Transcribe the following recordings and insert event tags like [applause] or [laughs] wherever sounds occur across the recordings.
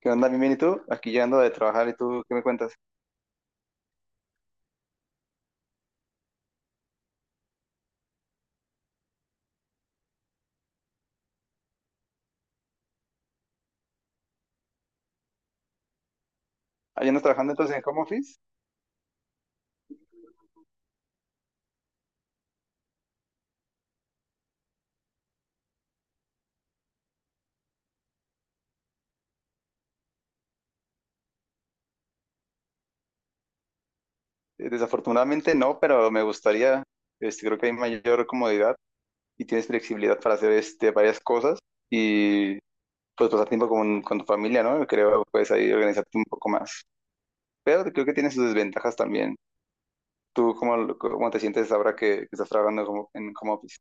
¿Qué onda, bien, bien? ¿Y tú? Aquí llegando de trabajar, ¿y tú qué me cuentas? ¿Ah, ya andas trabajando entonces en home office? Desafortunadamente no, pero me gustaría, creo que hay mayor comodidad y tienes flexibilidad para hacer varias cosas y pues pasar tiempo con tu familia, ¿no? Creo, puedes ahí organizarte un poco más. Pero creo que tiene sus desventajas también. ¿Tú cómo, cómo te sientes ahora que estás trabajando en home office?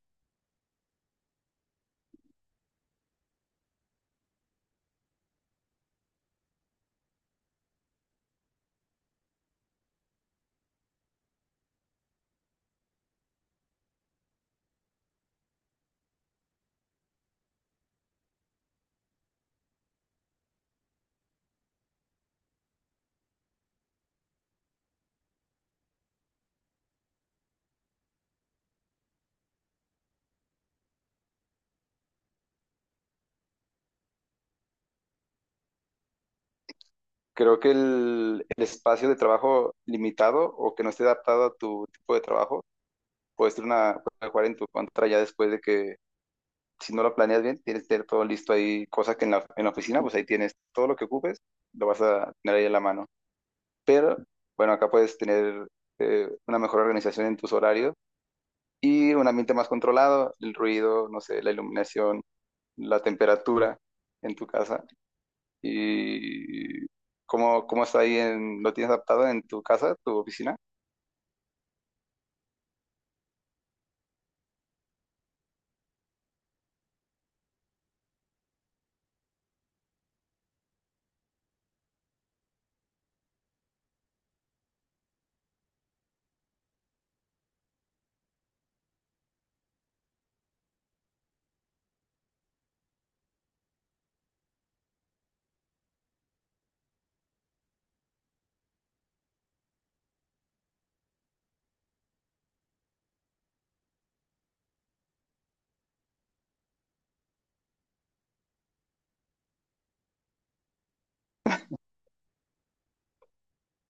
Creo que el espacio de trabajo limitado o que no esté adaptado a tu tipo de trabajo puedes tener puedes jugar en tu contra ya después de que, si no lo planeas bien, tienes que tener todo listo ahí, cosa que en la oficina, pues ahí tienes todo lo que ocupes, lo vas a tener ahí en la mano. Pero, bueno, acá puedes tener una mejor organización en tus horarios y un ambiente más controlado, el ruido, no sé, la iluminación, la temperatura en tu casa y cómo está ahí, lo tienes adaptado en tu casa, tu oficina.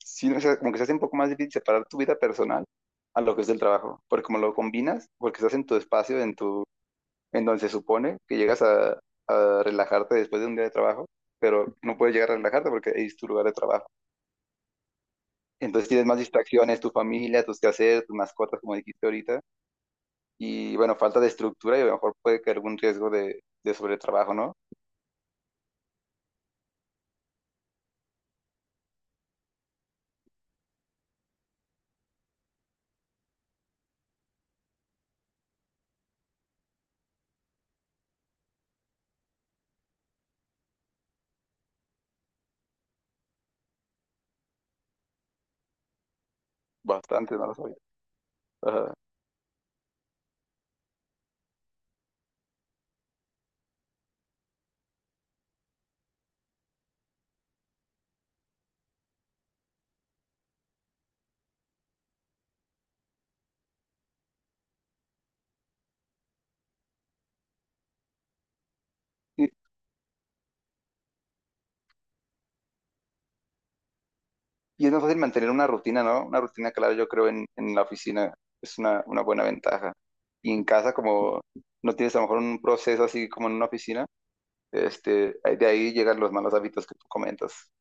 Sí, o sea, como que se hace un poco más difícil separar tu vida personal a lo que es el trabajo, porque como lo combinas, porque estás en tu espacio, en donde se supone que llegas a relajarte después de un día de trabajo, pero no puedes llegar a relajarte porque es tu lugar de trabajo. Entonces tienes más distracciones, tu familia, tus quehaceres, tus mascotas, como dijiste ahorita, y bueno, falta de estructura y a lo mejor puede caer algún riesgo de sobretrabajo, ¿no? Bastante, no lo sabía. Ajá. Y es más fácil mantener una rutina, ¿no? Una rutina clara, yo creo, en la oficina es una buena ventaja. Y en casa, como no tienes a lo mejor un proceso así como en una oficina, de ahí llegan los malos hábitos que tú comentas.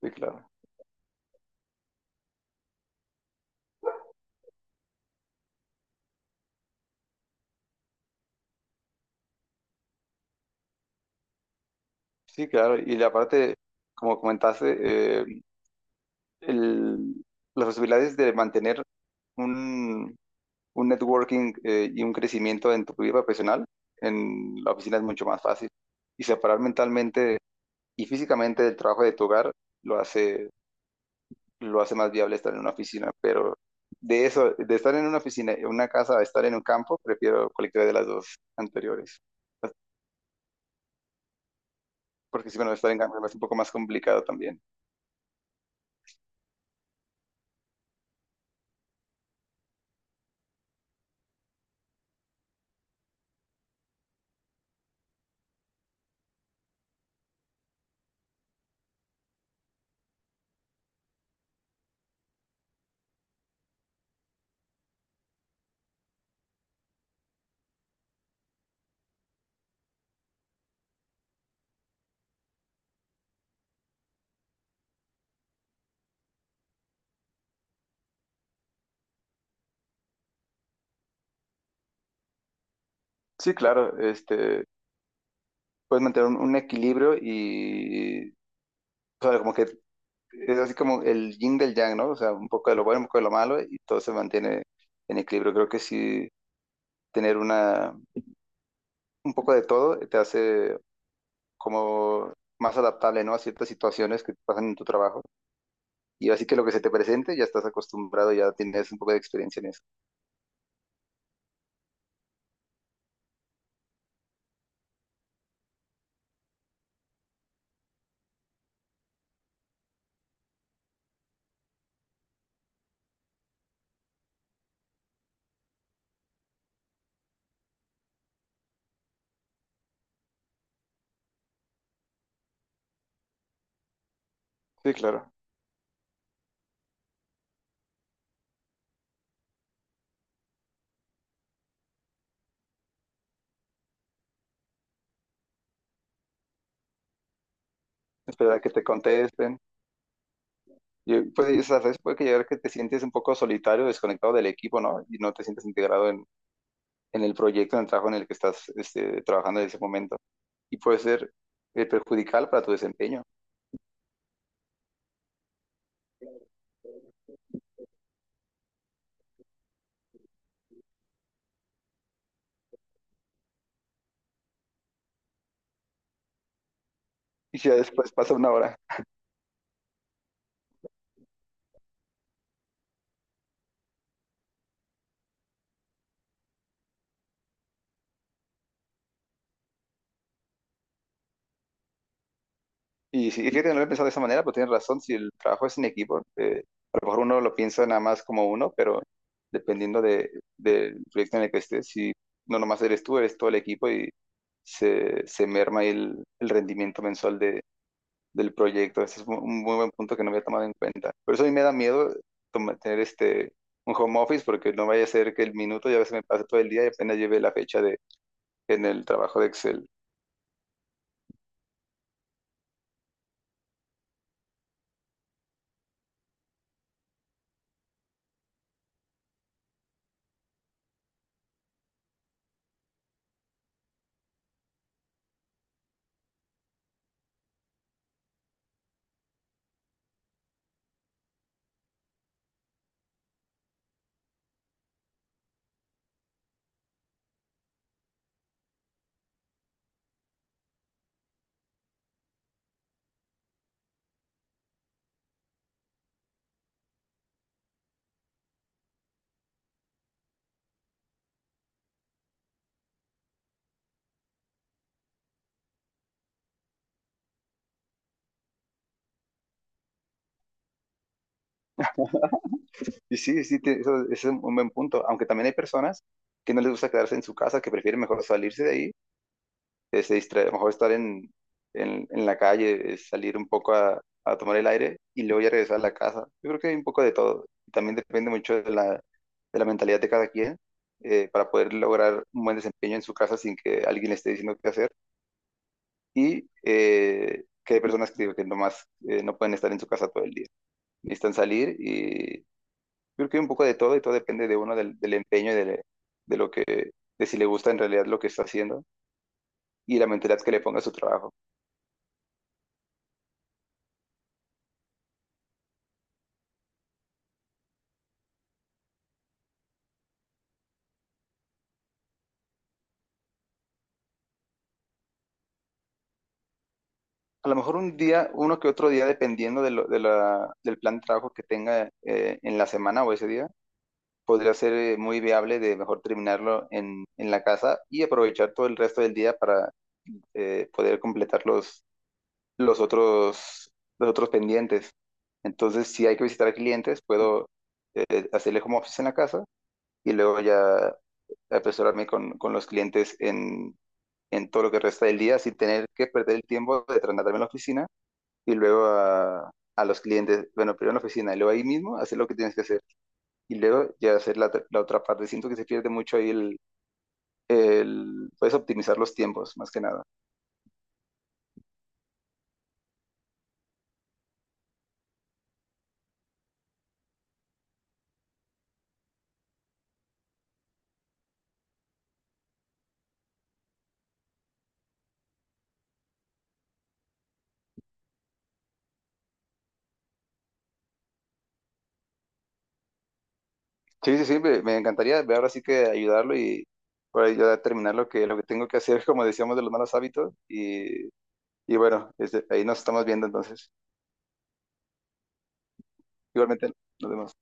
Sí, claro. Sí, claro. Y la parte, como comentaste, el- las posibilidades de mantener un, un networking y un crecimiento en tu vida profesional en la oficina es mucho más fácil. Y separar mentalmente y físicamente el trabajo de tu hogar lo hace, lo hace más viable estar en una oficina, pero de eso, de estar en una oficina, en una casa, a estar en un campo, prefiero cualquiera de las dos anteriores, porque si bueno, estar en campo es un poco más complicado también. Sí, claro, puedes mantener un equilibrio y, o sea, como que es así como el yin del yang, ¿no? O sea, un poco de lo bueno, un poco de lo malo y todo se mantiene en equilibrio. Creo que sí, tener un poco de todo te hace como más adaptable, ¿no? A ciertas situaciones que pasan en tu trabajo. Y así que lo que se te presente, ya estás acostumbrado, ya tienes un poco de experiencia en eso. Sí, claro. Esperar a que te contesten. Y, pues, a veces puede que llegar que te sientes un poco solitario, desconectado del equipo, ¿no? Y no te sientes integrado en el proyecto, en el trabajo en el que estás trabajando en ese momento. Y puede ser perjudicial para tu desempeño. Y si ya después pasa una hora. Y sí, fíjate, no lo he pensado de esa manera, pero tienes razón, si el trabajo es en equipo, a lo mejor uno lo piensa nada más como uno, pero dependiendo del proyecto en el que estés, si no nomás eres tú, eres todo el equipo y se merma ahí el rendimiento mensual del proyecto. Ese es un muy buen punto que no había tomado en cuenta. Por eso a mí me da miedo tener un home office, porque no vaya a ser que el minuto ya se me pase todo el día y apenas lleve la fecha en el trabajo de Excel. Y sí, sí, ese es un buen punto. Aunque también hay personas que no les gusta quedarse en su casa, que prefieren mejor salirse de ahí, se distrae, mejor estar en la calle, salir un poco a tomar el aire y luego ya regresar a la casa. Yo creo que hay un poco de todo. También depende mucho de la mentalidad de cada quien para poder lograr un buen desempeño en su casa sin que alguien le esté diciendo qué hacer. Y que hay personas que, digo que nomás no pueden estar en su casa todo el día. Necesitan salir y creo que hay un poco de todo y todo depende de uno, del empeño y de lo que, de si le gusta en realidad lo que está haciendo y la mentalidad que le ponga a su trabajo. A lo mejor un día, uno que otro día, dependiendo de lo- de la- del plan de trabajo que tenga en la semana o ese día, podría ser muy viable de mejor terminarlo en la casa y aprovechar todo el resto del día para poder completar los otros, los otros pendientes. Entonces, si hay que visitar a clientes, puedo hacerle home office en la casa y luego ya apresurarme con los clientes en todo lo que resta del día sin tener que perder el tiempo de trasladarme a la oficina y luego a los clientes, bueno, primero en la oficina y luego ahí mismo hacer lo que tienes que hacer y luego ya hacer la otra parte. Siento que se pierde mucho ahí el puedes optimizar los tiempos, más que nada. Sí, sí, sí, me encantaría ver ahora sí que ayudarlo y para ayudar a terminar lo que tengo que hacer, [laughs] como decíamos, de los malos hábitos y bueno, ahí nos estamos viendo entonces. Igualmente, nos vemos.